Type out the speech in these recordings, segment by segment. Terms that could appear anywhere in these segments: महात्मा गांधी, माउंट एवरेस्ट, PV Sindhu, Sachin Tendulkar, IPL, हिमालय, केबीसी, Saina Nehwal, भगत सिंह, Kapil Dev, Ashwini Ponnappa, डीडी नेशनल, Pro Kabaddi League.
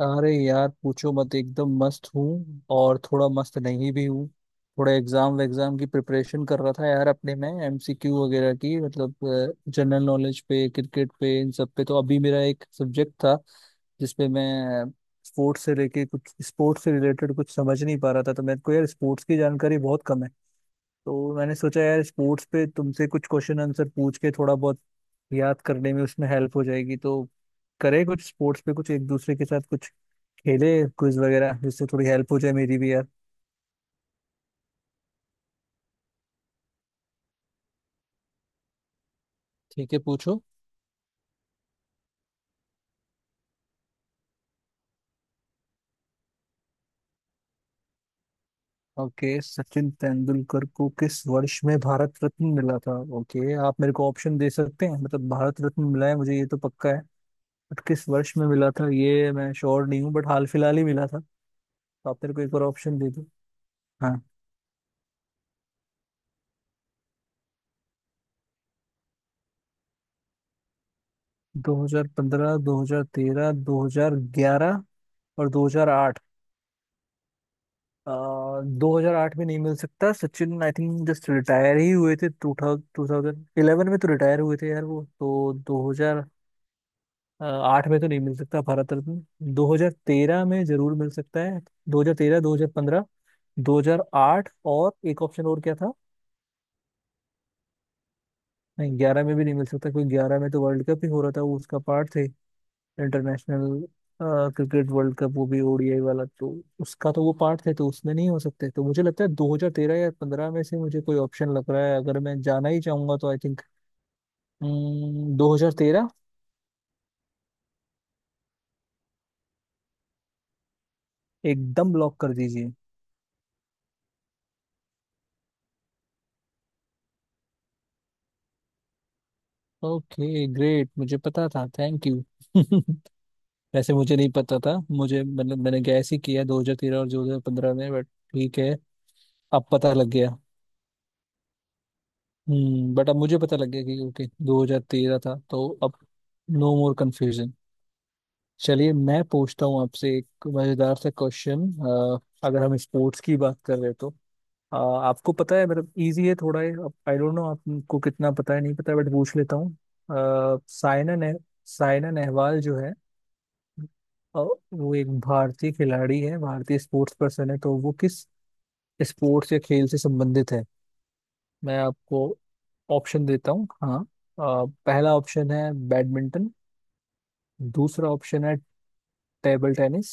अरे यार पूछो मत एकदम मस्त हूँ और थोड़ा मस्त नहीं भी हूँ। थोड़ा एग्जाम एग्जाम की प्रिपरेशन कर रहा था यार अपने में एमसीक्यू वगैरह की, मतलब जनरल नॉलेज पे क्रिकेट पे इन सब पे। तो अभी मेरा एक सब्जेक्ट था जिसपे मैं स्पोर्ट्स से लेके कुछ स्पोर्ट्स से रिलेटेड कुछ समझ नहीं पा रहा था। तो मेरे को यार स्पोर्ट्स की जानकारी बहुत कम है। तो मैंने सोचा यार स्पोर्ट्स पे तुमसे कुछ क्वेश्चन आंसर पूछ के थोड़ा बहुत याद करने में उसमें हेल्प हो जाएगी। तो करे कुछ स्पोर्ट्स पे कुछ एक दूसरे के साथ कुछ खेले, क्विज वगैरह, जिससे थोड़ी हेल्प हो जाए मेरी भी यार। ठीक है, पूछो। ओके सचिन तेंदुलकर को किस वर्ष में भारत रत्न मिला था? ओके, आप मेरे को ऑप्शन दे सकते हैं। मतलब भारत रत्न मिला है मुझे, ये तो पक्का है। बट किस वर्ष में मिला था ये मैं श्योर नहीं हूँ, बट हाल फिलहाल ही मिला था। तो आप मेरे को एक बार ऑप्शन दे दो। हाँ, 2015, 2013, 2011 और 2008? दो हजार आठ में नहीं मिल सकता Sachin, I think just retire ही हुए थे। 2011 में तो रिटायर हुए थे यार वो, तो 2008 में तो नहीं मिल सकता भारत रत्न। 2013 में जरूर मिल सकता है। 2013, 2015, 2008 और एक ऑप्शन और क्या था? नहीं, ग्यारह में भी नहीं मिल सकता क्योंकि ग्यारह में तो वर्ल्ड कप ही हो रहा था, वो उसका पार्ट थे। इंटरनेशनल क्रिकेट वर्ल्ड कप, वो भी ओडीआई वाला, तो उसका तो वो पार्ट थे, तो उसमें नहीं हो सकते। तो मुझे लगता है 2013 या 15 में से मुझे कोई ऑप्शन लग रहा है। अगर मैं जाना ही चाहूंगा तो आई थिंक 2013। एकदम लॉक कर दीजिए। ओके ग्रेट, मुझे पता था, थैंक यू। वैसे मुझे नहीं पता था, मुझे मतलब मैंने गैस ही किया 2013 और 2015 में, बट ठीक है। अब पता लग गया। हम्म, बट अब मुझे पता लग गया कि ओके 2013 था, तो अब नो मोर कंफ्यूजन। चलिए मैं पूछता हूँ आपसे एक मजेदार सा क्वेश्चन। अगर हम स्पोर्ट्स की बात कर रहे हैं तो आपको पता है, मतलब इजी है थोड़ा ये। आई डोंट नो आपको कितना पता है, नहीं पता, बट पूछ लेता हूँ। अ, सायना ने सायना नेहवाल जो है, अ, वो एक भारतीय खिलाड़ी है, भारतीय स्पोर्ट्स पर्सन है, तो वो किस स्पोर्ट्स या खेल से संबंधित है? मैं आपको ऑप्शन देता हूँ, हाँ। पहला ऑप्शन है बैडमिंटन। दूसरा ऑप्शन है टेबल टेनिस।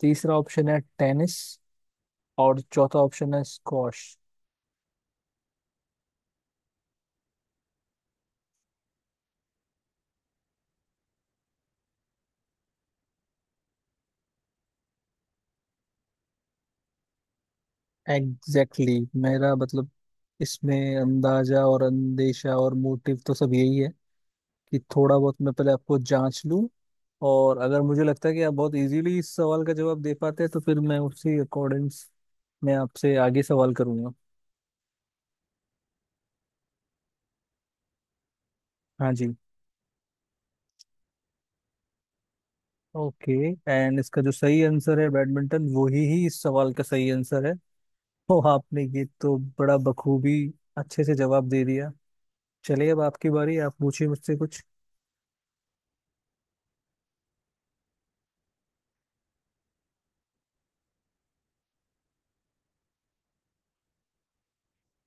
तीसरा ऑप्शन है टेनिस। और चौथा ऑप्शन है स्क्वॉश। Exactly exactly। मेरा मतलब इसमें अंदाजा और अंदेशा और मोटिव तो सब यही है कि थोड़ा बहुत मैं पहले आपको जांच लूं। और अगर मुझे लगता है कि आप बहुत इजीली इस सवाल का जवाब दे पाते हैं तो फिर मैं उसी अकॉर्डिंग मैं आपसे आगे सवाल करूंगा। हाँ जी। ओके, एंड इसका जो सही आंसर है बैडमिंटन, वही ही इस सवाल का सही आंसर है। तो आपने ये तो बड़ा बखूबी अच्छे से जवाब दे दिया। चलिए अब आपकी बारी, आप पूछिए मुझसे कुछ।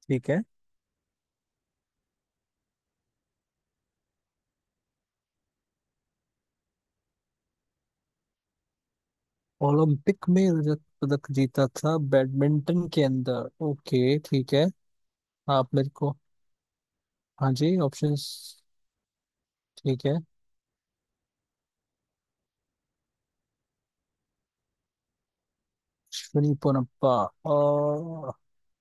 ठीक है। ओलंपिक में रजत पदक जीता था बैडमिंटन के अंदर, ओके ठीक है। आप मेरे को, हाँ जी ऑप्शंस। ठीक है, अश्विनी पोनप्पा। और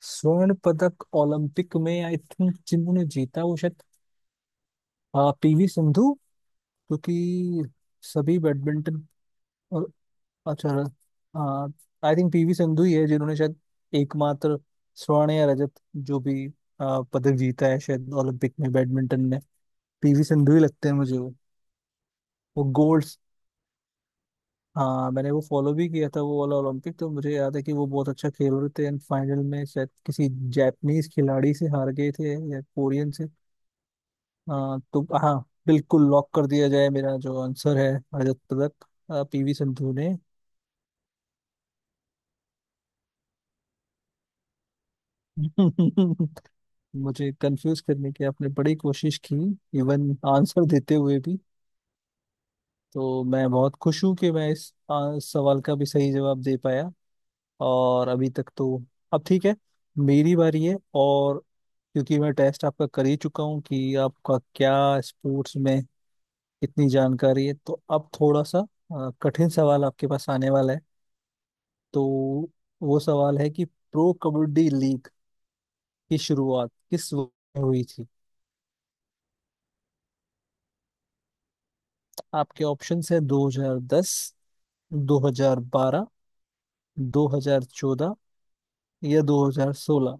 स्वर्ण पदक ओलंपिक में आई थिंक जिन्होंने जीता वो शायद पीवी सिंधु, क्योंकि सभी बैडमिंटन। और अच्छा, हाँ, आई थिंक पीवी संधू ही है जिन्होंने शायद एकमात्र स्वर्ण या रजत जो भी पदक जीता है शायद ओलंपिक में बैडमिंटन में। पीवी संधू ही लगते हैं मुझे वो गोल्ड्स। हाँ मैंने वो फॉलो भी किया था, वो वाला ओलंपिक, तो मुझे याद है कि वो बहुत अच्छा खेल रहे थे एंड फाइनल में शायद किसी जापानीज खिलाड़ी से हार गए थे या कोरियन से। हाँ तो हाँ, बिल्कुल लॉक कर दिया जाए, मेरा जो आंसर है रजत पदक पीवी संधू ने। मुझे कंफ्यूज करने की आपने बड़ी कोशिश की, इवन आंसर देते हुए भी। तो मैं बहुत खुश हूँ कि मैं इस सवाल का भी सही जवाब दे पाया। और अभी तक तो अब ठीक है। मेरी बारी है, और क्योंकि मैं टेस्ट आपका कर ही चुका हूँ कि आपका क्या स्पोर्ट्स में इतनी जानकारी है, तो अब थोड़ा सा कठिन सवाल आपके पास आने वाला है। तो वो सवाल है कि प्रो कबड्डी लीग की शुरुआत किस वर्ष में हुई थी? आपके ऑप्शंस है 2010, 2012, 2014 या 2016।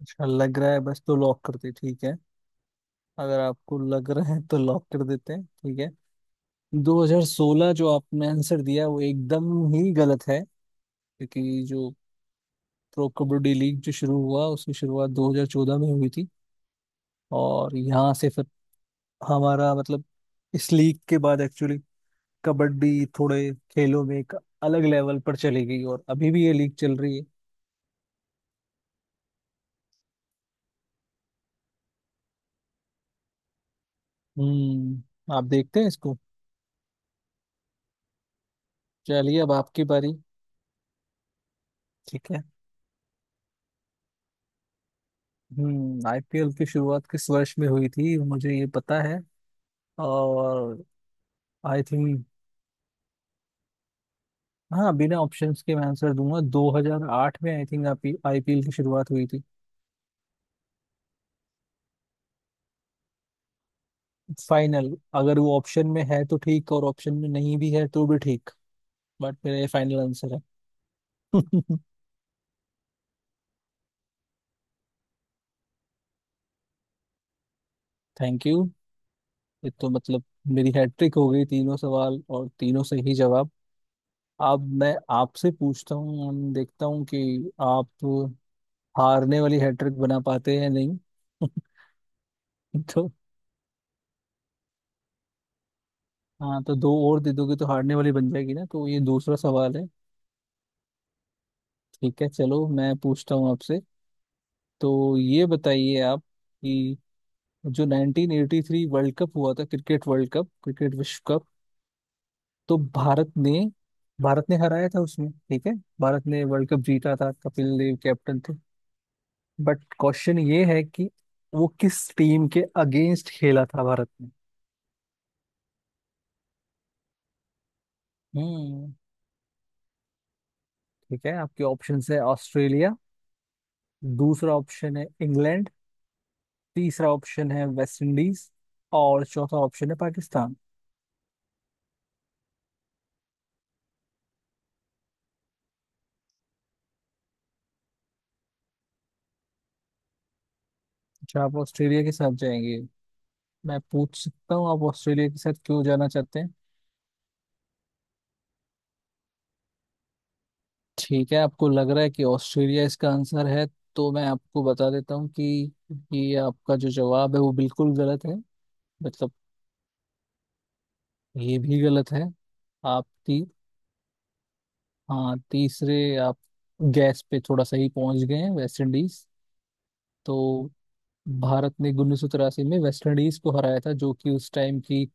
अच्छा लग रहा है बस, तो लॉक कर दे, ठीक है। अगर आपको लग रहा है तो लॉक कर देते हैं, ठीक है। 2016 जो आपने आंसर दिया वो एकदम ही गलत है। क्योंकि जो प्रो कबड्डी लीग जो शुरू हुआ, उसकी शुरुआत 2014 में हुई थी। और यहाँ से फिर हमारा मतलब इस लीग के बाद एक्चुअली कबड्डी थोड़े खेलों में एक अलग लेवल पर चली गई, और अभी भी ये लीग चल रही है। हम्म, आप देखते हैं इसको? चलिए अब आपकी बारी। ठीक है, आईपीएल की शुरुआत किस वर्ष में हुई थी मुझे ये पता है। और आई थिंक, हाँ, बिना ऑप्शंस के मैं आंसर दूंगा 2008 में आई थिंक आप आईपीएल की शुरुआत हुई थी। फाइनल, अगर वो ऑप्शन में है तो ठीक और ऑप्शन में नहीं भी है तो भी ठीक, बट मेरा ये फाइनल आंसर है। Thank you. ये तो मतलब मेरी हैट्रिक हो गई, तीनों सवाल और तीनों सही जवाब। अब मैं आपसे पूछता हूँ हम देखता हूँ कि आप हारने वाली हैट्रिक बना पाते हैं या नहीं। तो हाँ, तो दो और दे दोगे तो हारने वाली बन जाएगी ना, तो ये दूसरा सवाल है। ठीक है चलो मैं पूछता हूँ आपसे। तो ये बताइए आप कि जो 1983 वर्ल्ड कप हुआ था, क्रिकेट वर्ल्ड कप, क्रिकेट विश्व कप, तो भारत ने हराया था उसमें, ठीक है। भारत ने वर्ल्ड कप जीता था, कपिल देव कैप्टन थे। बट क्वेश्चन ये है कि वो किस टीम के अगेंस्ट खेला था भारत ने? हम्म। ठीक है, आपके ऑप्शंस है ऑस्ट्रेलिया, दूसरा ऑप्शन है इंग्लैंड, तीसरा ऑप्शन है वेस्ट इंडीज, और चौथा ऑप्शन है पाकिस्तान। अच्छा, आप ऑस्ट्रेलिया के साथ जाएंगे? मैं पूछ सकता हूँ आप ऑस्ट्रेलिया के साथ क्यों जाना चाहते हैं? ठीक है, आपको लग रहा है कि ऑस्ट्रेलिया इसका आंसर है। तो मैं आपको बता देता हूँ कि ये आपका जो जवाब है वो बिल्कुल गलत है। मतलब ये भी गलत है। आप ती, हाँ तीसरे आप गैस पे थोड़ा सही पहुंच गए हैं, वेस्ट इंडीज। तो भारत ने 1983 में वेस्ट इंडीज को हराया था, जो कि उस टाइम की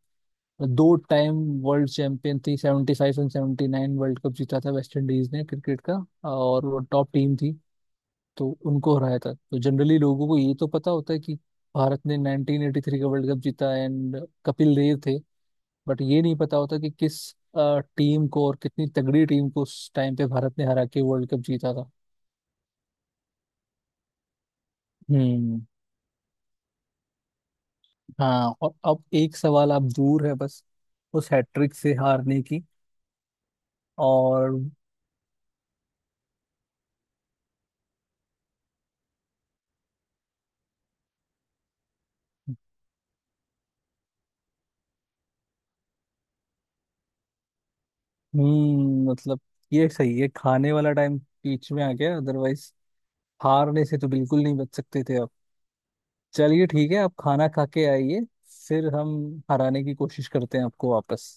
दो टाइम वर्ल्ड चैंपियन थी, 75 एंड 79 वर्ल्ड कप जीता था वेस्ट इंडीज ने क्रिकेट का, और वो टॉप टीम थी। तो उनको हराया था। तो जनरली लोगों को ये तो पता होता है कि भारत ने 1983 का वर्ल्ड कप जीता एंड कपिल देव थे, बट ये नहीं पता होता कि किस टीम को और कितनी तगड़ी टीम को उस टाइम पे भारत ने हरा के वर्ल्ड कप जीता था। हम्म। हाँ, और अब एक सवाल आप दूर है बस उस हैट्रिक से हारने की। और हम्म, मतलब ये सही है, खाने वाला टाइम बीच में आ गया, अदरवाइज हारने से तो बिल्कुल नहीं बच सकते थे आप। चलिए ठीक है, आप खाना खा के आइए, फिर हम हराने की कोशिश करते हैं आपको वापस।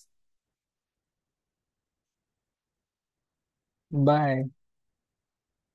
बाय।